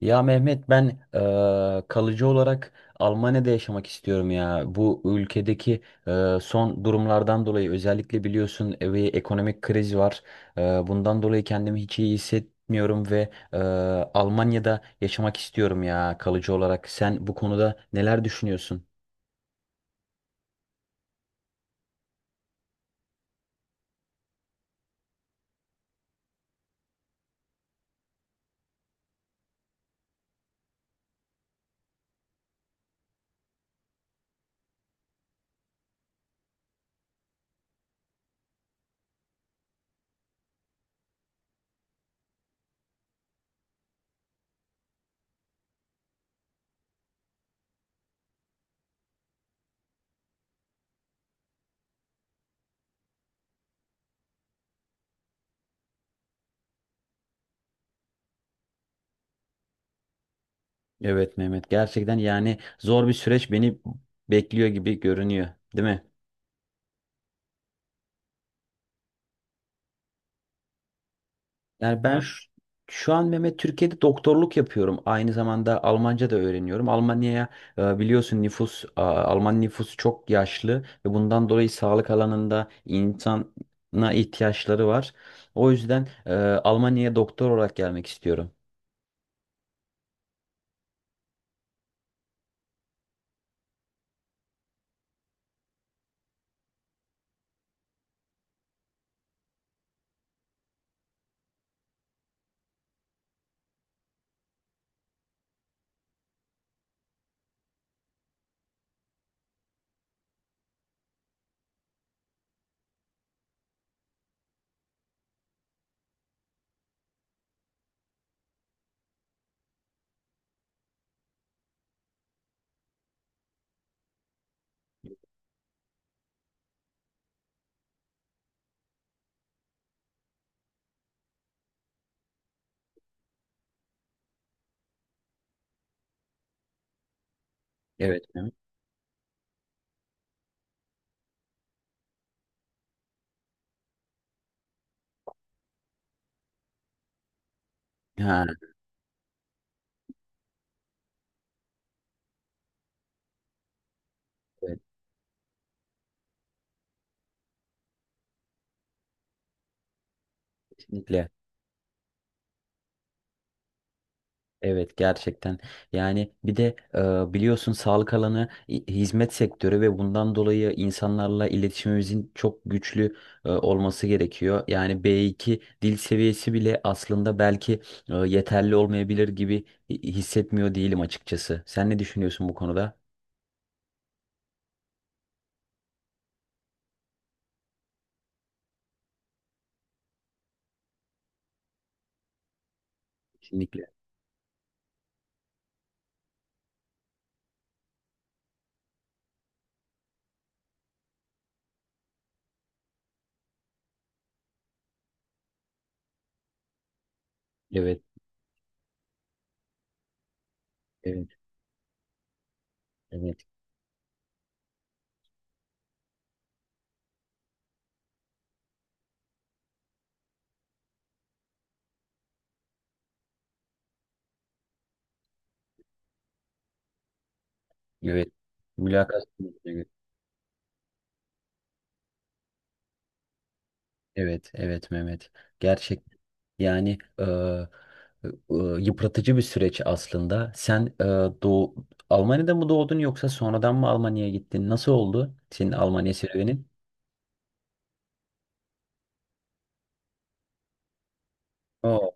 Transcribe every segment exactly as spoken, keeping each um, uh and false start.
Ya Mehmet ben eee, kalıcı olarak Almanya'da yaşamak istiyorum ya. Bu ülkedeki eee, son durumlardan dolayı özellikle biliyorsun e, bir ekonomik kriz var. Eee, bundan dolayı kendimi hiç iyi hissetmiyorum ve eee, Almanya'da yaşamak istiyorum ya kalıcı olarak. Sen bu konuda neler düşünüyorsun? Evet Mehmet gerçekten yani zor bir süreç beni bekliyor gibi görünüyor, değil mi? Yani ben şu, şu an Mehmet Türkiye'de doktorluk yapıyorum. Aynı zamanda Almanca da öğreniyorum. Almanya'ya e, biliyorsun nüfus, e, Alman nüfusu çok yaşlı ve bundan dolayı sağlık alanında insana ihtiyaçları var. O yüzden e, Almanya'ya doktor olarak gelmek istiyorum. Evet. Mehmet. Ha, evet, kesinlikle. Evet gerçekten yani bir de e, biliyorsun sağlık alanı hi- hizmet sektörü ve bundan dolayı insanlarla iletişimimizin çok güçlü e, olması gerekiyor. Yani B iki dil seviyesi bile aslında belki e, yeterli olmayabilir gibi hi- hissetmiyor değilim açıkçası. Sen ne düşünüyorsun bu konuda? Kesinlikle. Evet, evet, evet, evet. Mülakat. Evet, evet Mehmet. Gerçek yani e, e, yıpratıcı bir süreç aslında. Sen e, doğu, Almanya'da mı doğdun yoksa sonradan mı Almanya'ya gittin? Nasıl oldu senin Almanya serüvenin? Oo,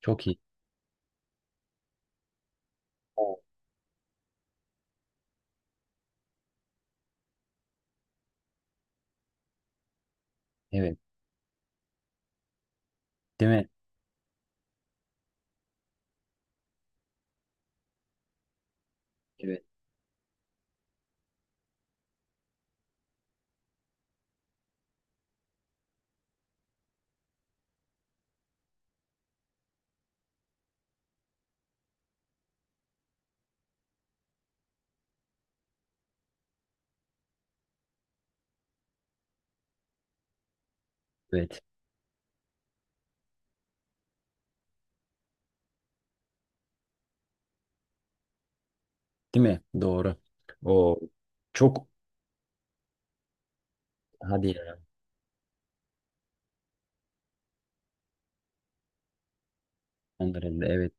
çok iyi. Oo. Evet, değil mi? Evet. Evet, değil mi? Doğru. O çok hadi ya. Andırıldı. Evet.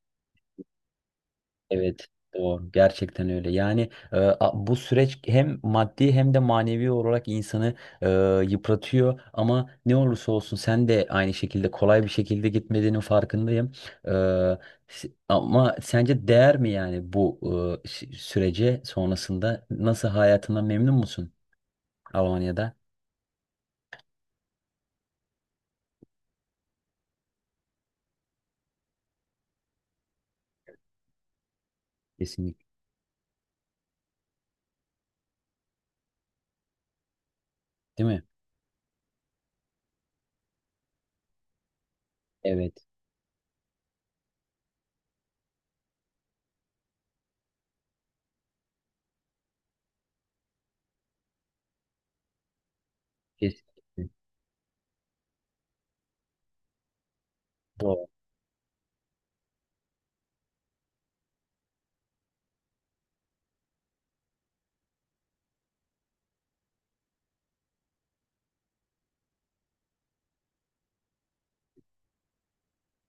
Evet, doğru. Gerçekten öyle. Yani e, a- bu süreç hem maddi hem de manevi olarak insanı e, yıpratıyor. Ama ne olursa olsun sen de aynı şekilde kolay bir şekilde gitmediğinin farkındayım. E, s- Ama sence değer mi yani bu e, sü- sürece sonrasında? Nasıl hayatından memnun musun Almanya'da? Kesinlikle. Değil mi? Evet. Kesinlikle. Doğru.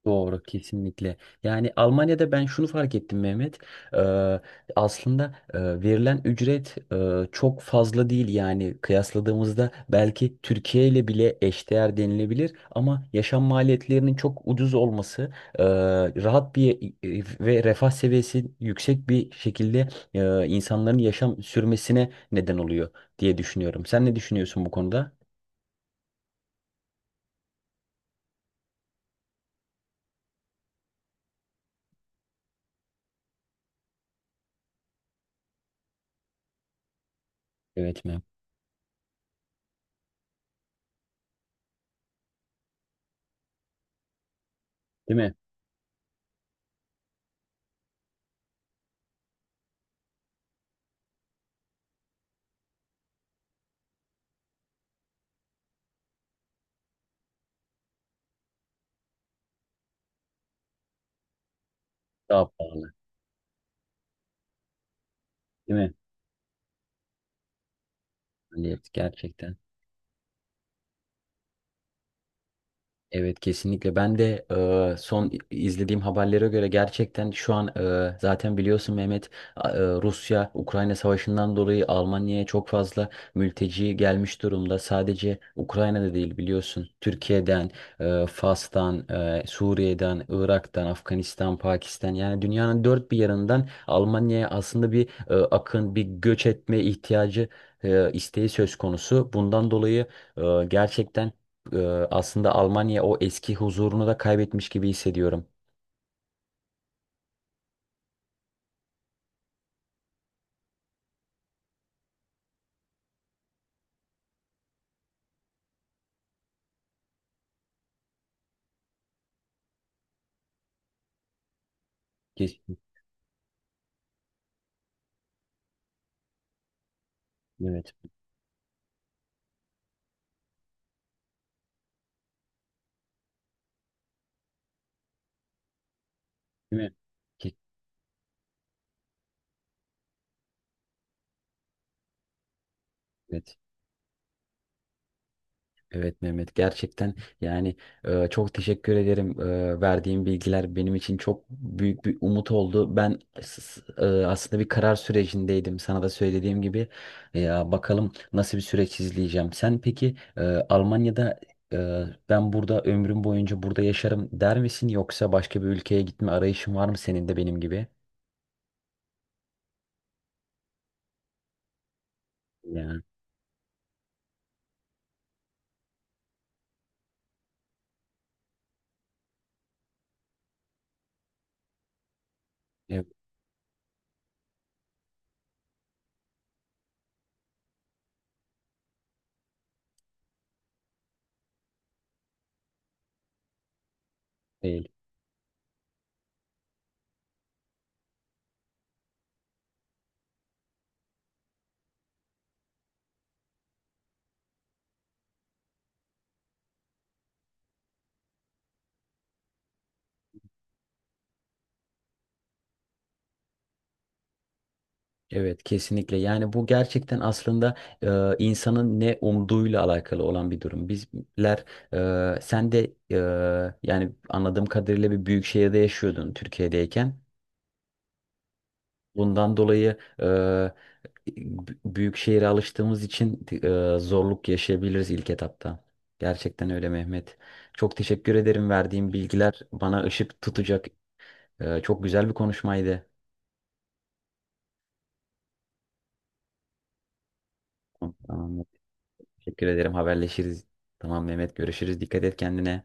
Doğru kesinlikle. Yani Almanya'da ben şunu fark ettim Mehmet. Eee, aslında eee, verilen ücret eee, çok fazla değil yani kıyasladığımızda belki Türkiye ile bile eşdeğer denilebilir ama yaşam maliyetlerinin çok ucuz olması, eee, rahat bir e, ve refah seviyesi yüksek bir şekilde eee, insanların yaşam sürmesine neden oluyor diye düşünüyorum. Sen ne düşünüyorsun bu konuda? Evet mi? Değil mi? Daha pahalı. Değil mi? Maliyet gerçekten. Evet kesinlikle. Ben de e, son izlediğim haberlere göre gerçekten şu an e, zaten biliyorsun Mehmet a- e, Rusya-Ukrayna savaşından dolayı Almanya'ya çok fazla mülteci gelmiş durumda. Sadece Ukrayna'da değil biliyorsun. Türkiye'den, e, Fas'tan, e, Suriye'den, Irak'tan, Afganistan, Pakistan yani dünyanın dört bir yanından Almanya'ya aslında bir e, akın, bir göç etme ihtiyacı e, isteği söz konusu. Bundan dolayı e, gerçekten ee, aslında Almanya o eski huzurunu da kaybetmiş gibi hissediyorum. Keşke. Evet. Değil mi? Ke- Evet. Evet Mehmet gerçekten yani e, çok teşekkür ederim. E, verdiğim bilgiler benim için çok büyük bir umut oldu. Ben s- s- e, aslında bir karar sürecindeydim. Sana da söylediğim gibi E, ya bakalım nasıl bir süreç izleyeceğim. Sen peki e, Almanya'da e, ben burada ömrüm boyunca burada yaşarım der misin yoksa başka bir ülkeye gitme arayışın var mı senin de benim gibi? Yani. Değil. Evet kesinlikle yani bu gerçekten aslında e, insanın ne umduğuyla alakalı olan bir durum. Bizler e, sen de e, yani anladığım kadarıyla bir büyük şehirde yaşıyordun Türkiye'deyken. Bundan dolayı e, b- büyük şehire alıştığımız için e, zorluk yaşayabiliriz ilk etapta. Gerçekten öyle Mehmet. Çok teşekkür ederim verdiğin bilgiler bana ışık tutacak. E, çok güzel bir konuşmaydı. Tamam, teşekkür ederim. Haberleşiriz. Tamam Mehmet görüşürüz. Dikkat et kendine.